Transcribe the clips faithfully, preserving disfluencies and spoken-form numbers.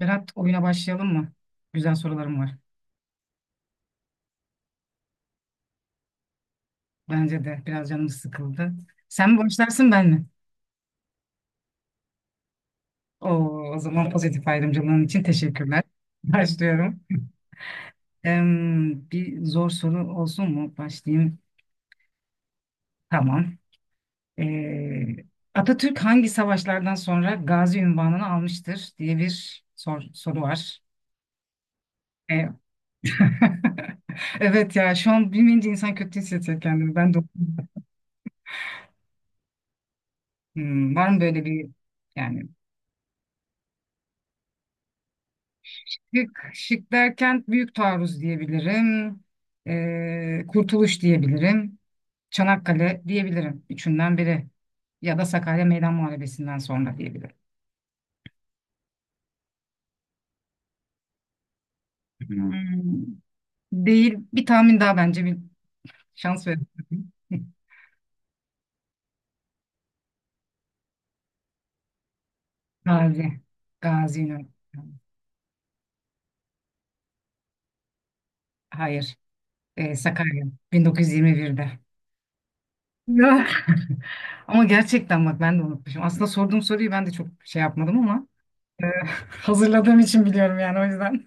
Berat, oyuna başlayalım mı? Güzel sorularım var. Bence de biraz canım sıkıldı. Sen mi başlarsın ben mi? Oo, o zaman pozitif ayrımcılığın için teşekkürler. Başlıyorum. Em, bir zor soru olsun mu? Başlayayım. Tamam. Ee, Atatürk hangi savaşlardan sonra Gazi unvanını almıştır diye bir sor- soru var. Ee, evet ya şu an bilmeyince insan kötü hissediyor kendini. Ben de hmm, var mı böyle bir yani şık, şık derken Büyük Taarruz diyebilirim. Ee, Kurtuluş diyebilirim. Çanakkale diyebilirim. Üçünden biri. Ya da Sakarya Meydan Muharebesi'nden sonra diyebilirim. Hmm. Hmm, değil. Bir tahmin daha, bence bir şans verin. Gazi. Gazi Üniversitesi. Hayır. Ee, Sakarya. bin dokuz yüz yirmi birde. Ya. Ama gerçekten bak ben de unutmuşum. Aslında sorduğum soruyu ben de çok şey yapmadım ama e, hazırladığım için biliyorum yani o yüzden.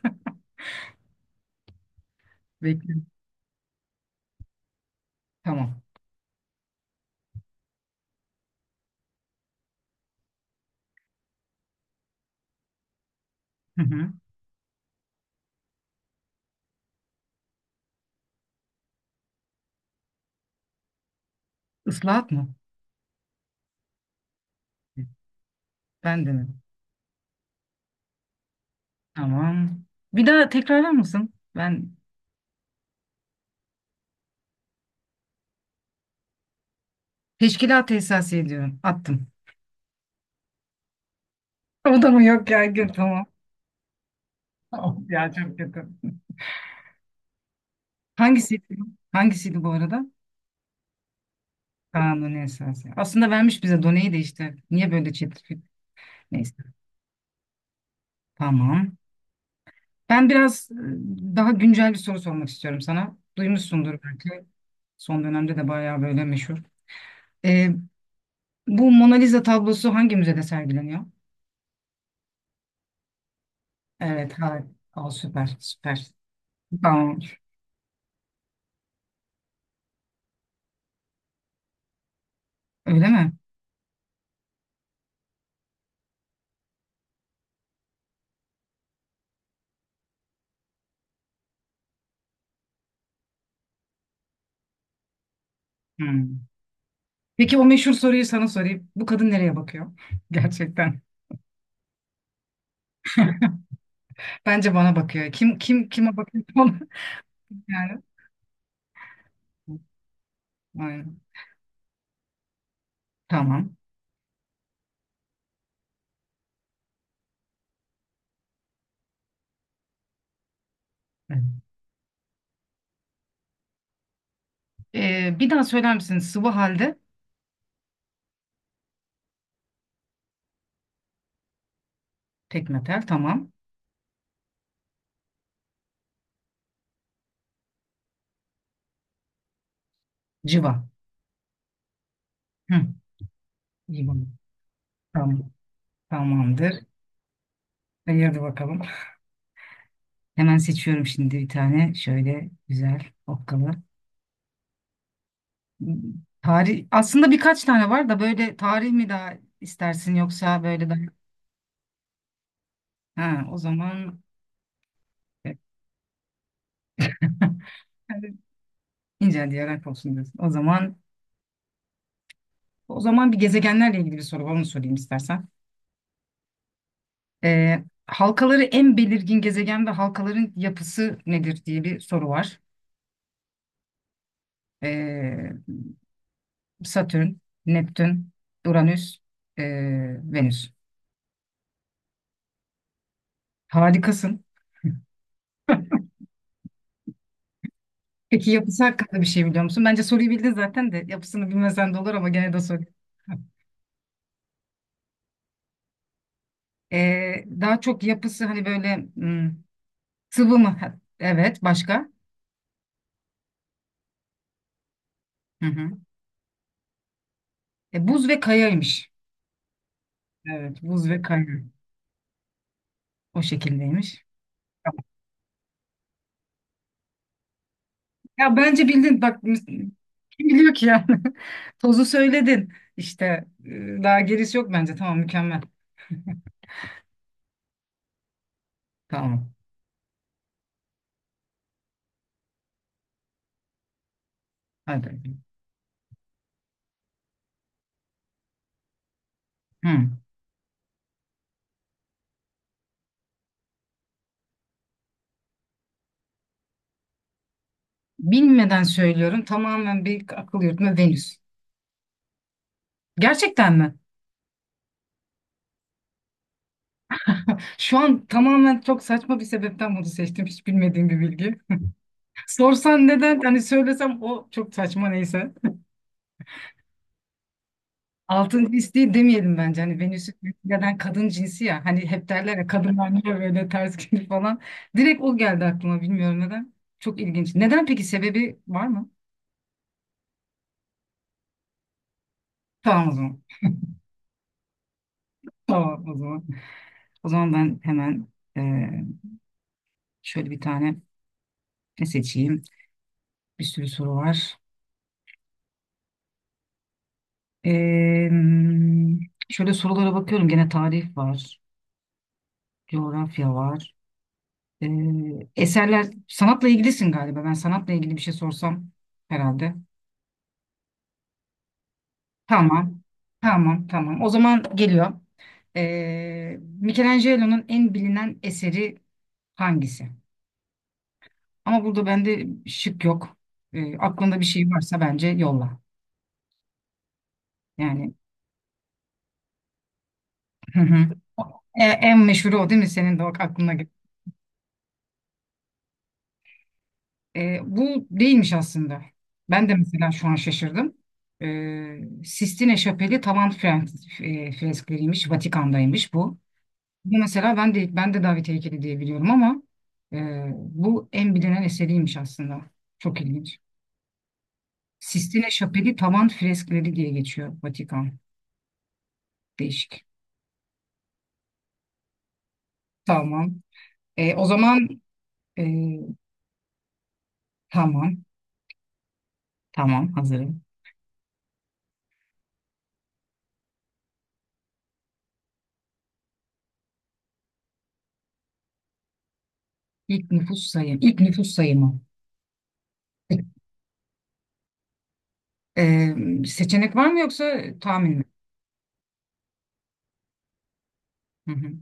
Bekliyorum. Tamam. Hı hı. Islahat mı? Ben denedim. Tamam. Bir daha tekrarlar mısın? Ben teşkilat esası ediyorum. Attım. O da mı yok ya? Gül. Tamam. Of ya, çok kötü. Hangisiydi bu? Hangisiydi bu arada? Kanuni esası. Aslında vermiş bize Done'yi de işte. Niye böyle çetrefil? Neyse. Tamam. Ben biraz e, daha güncel bir soru sormak istiyorum sana. Duymuşsundur belki. Son dönemde de bayağı böyle meşhur. E, bu Mona Lisa tablosu hangi müzede sergileniyor? Evet, harika. Aa, süper, süper. Tamam olur. Öyle mi? Hmm. Peki o meşhur soruyu sana sorayım. Bu kadın nereye bakıyor? Gerçekten. Bence bana bakıyor. Kim kim kime bakıyor? Ona? Yani. Aynen. Tamam. Evet. Ee, bir daha söyler misin? Sıvı halde tek metal. Tamam. Civa. Hı. İyi bak. Tamam. Tamamdır. Hayırdır bakalım. Hemen seçiyorum şimdi bir tane. Şöyle güzel okkalı. Tarih aslında birkaç tane var da böyle tarih mi daha istersin yoksa böyle daha ha o zaman yani ince diyerek olsun diyorsun. O zaman o zaman bir gezegenlerle ilgili bir soru var, onu sorayım istersen. Ee, halkaları en belirgin gezegen ve halkaların yapısı nedir diye bir soru var. Ee, Satürn, Neptün, Uranüs, ee, Venüs. Harikasın. Peki yapısı hakkında bir şey biliyor musun? Bence soruyu bildin zaten de yapısını bilmesen de olur ama gene de sorayım. Ee, daha çok yapısı hani böyle hmm, sıvı mı? Ha, evet, başka? Hı hı. E, buz ve kayaymış. Evet, buz ve kaya. O şekildeymiş. Tamam. Ya bence bildin bak, kim biliyor ki yani. Tozu söyledin. İşte e, daha gerisi yok bence. Tamam, mükemmel. Tamam. Hadi. Hı. Bilmeden söylüyorum. Tamamen bir akıl yürütme, Venüs. Gerçekten mi? Şu an tamamen çok saçma bir sebepten bunu seçtim. Hiç bilmediğim bir bilgi. Sorsan neden, hani söylesem o çok saçma, neyse. Altın his değil demeyelim bence. Hani Venüs'ü neden kadın cinsi ya. Hani hep derler ya kadınlar niye böyle ters gelir falan. Direkt o geldi aklıma, bilmiyorum neden. Çok ilginç. Neden peki, sebebi var mı? Tamam o zaman. Tamam o zaman. O zaman ben hemen eee, şöyle bir tane ne seçeyim. Bir sürü soru var. Eee, şöyle sorulara bakıyorum. Gene tarih var. Coğrafya var. Ee, eserler, sanatla ilgilisin galiba. Ben sanatla ilgili bir şey sorsam herhalde. Tamam. Tamam, tamam. O zaman geliyor. Ee, Michelangelo'nun en bilinen eseri hangisi? Ama burada bende şık yok. Ee, aklında bir şey varsa bence yolla. Yani hı hı. E, en meşhuru o değil mi? Senin de o aklına E, bu değilmiş aslında. Ben de mesela şu an şaşırdım. E, Sistine Şapeli tavan fren- e, freskleriymiş, Vatikan'daymış bu. Bu mesela ben de ben de David heykeli diye biliyorum ama e, bu en bilinen eseriymiş aslında. Çok ilginç. Sistine Şapeli tavan freskleri diye geçiyor, Vatikan. Değişik. Tamam. E, o zaman e, tamam. Tamam, hazırım. İlk nüfus sayım. İlk nüfus sayımı. E, seçenek var mı yoksa tahmin mi? Hı hı.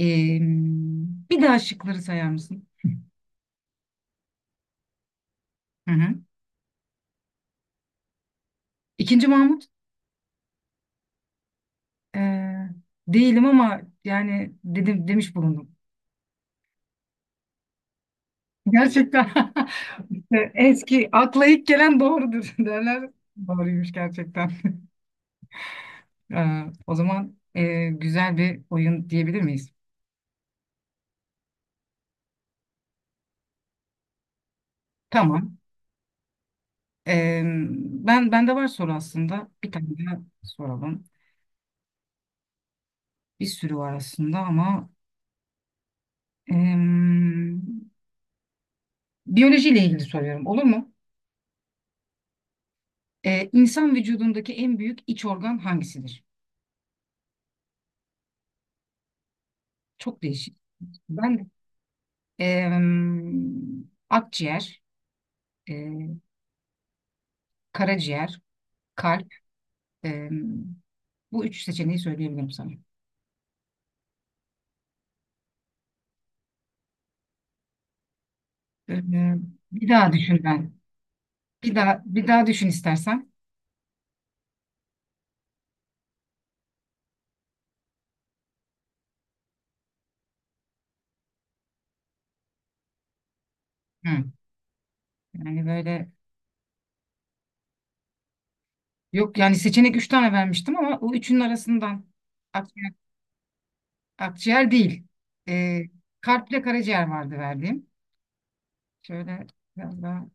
Ee, bir daha şıkları sayar mısın? Hı hı. İkinci Mahmut ee, değilim ama yani dedim, demiş bulundum. Gerçekten. İşte eski, akla ilk gelen doğrudur derler. Doğruymuş gerçekten. Ee, o zaman ee, güzel bir oyun diyebilir miyiz? Tamam. Ee, ben, bende var soru aslında. Bir tane daha soralım. Bir sürü var aslında ama ee, biyolojiyle ilgili soruyorum. Olur mu? Ee, insan vücudundaki en büyük iç organ hangisidir? Çok değişik. Ben de em, akciğer, e, karaciğer, kalp. em, bu üç seçeneği söyleyebilirim sana. Ee, bir daha düşün ben. Bir daha bir daha düşün istersen. Hı. Yani böyle yok yani, seçenek üç tane vermiştim ama o üçünün arasından akciğer, akciğer değil. Ee, kalple karaciğer vardı verdiğim. Şöyle biraz daha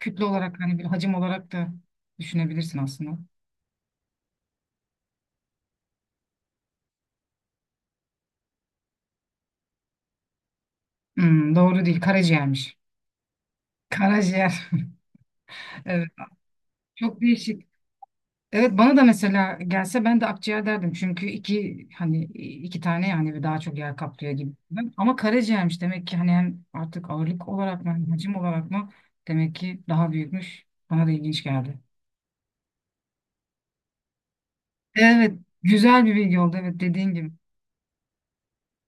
kütle olarak hani, bir hacim olarak da düşünebilirsin aslında. Hmm, doğru değil. Karaciğermiş. Karaciğer. Evet. Çok değişik. Evet bana da mesela gelse ben de akciğer derdim. Çünkü iki, hani iki tane yani ve daha çok yer kaplıyor gibi. Ben- Ama karaciğermiş demek ki, hani hem artık ağırlık olarak mı hem hacim olarak mı, demek ki daha büyükmüş. Bana da ilginç geldi. Evet, güzel bir bilgi oldu evet, dediğin gibi.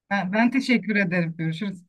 Ben, ben teşekkür ederim. Görüşürüz.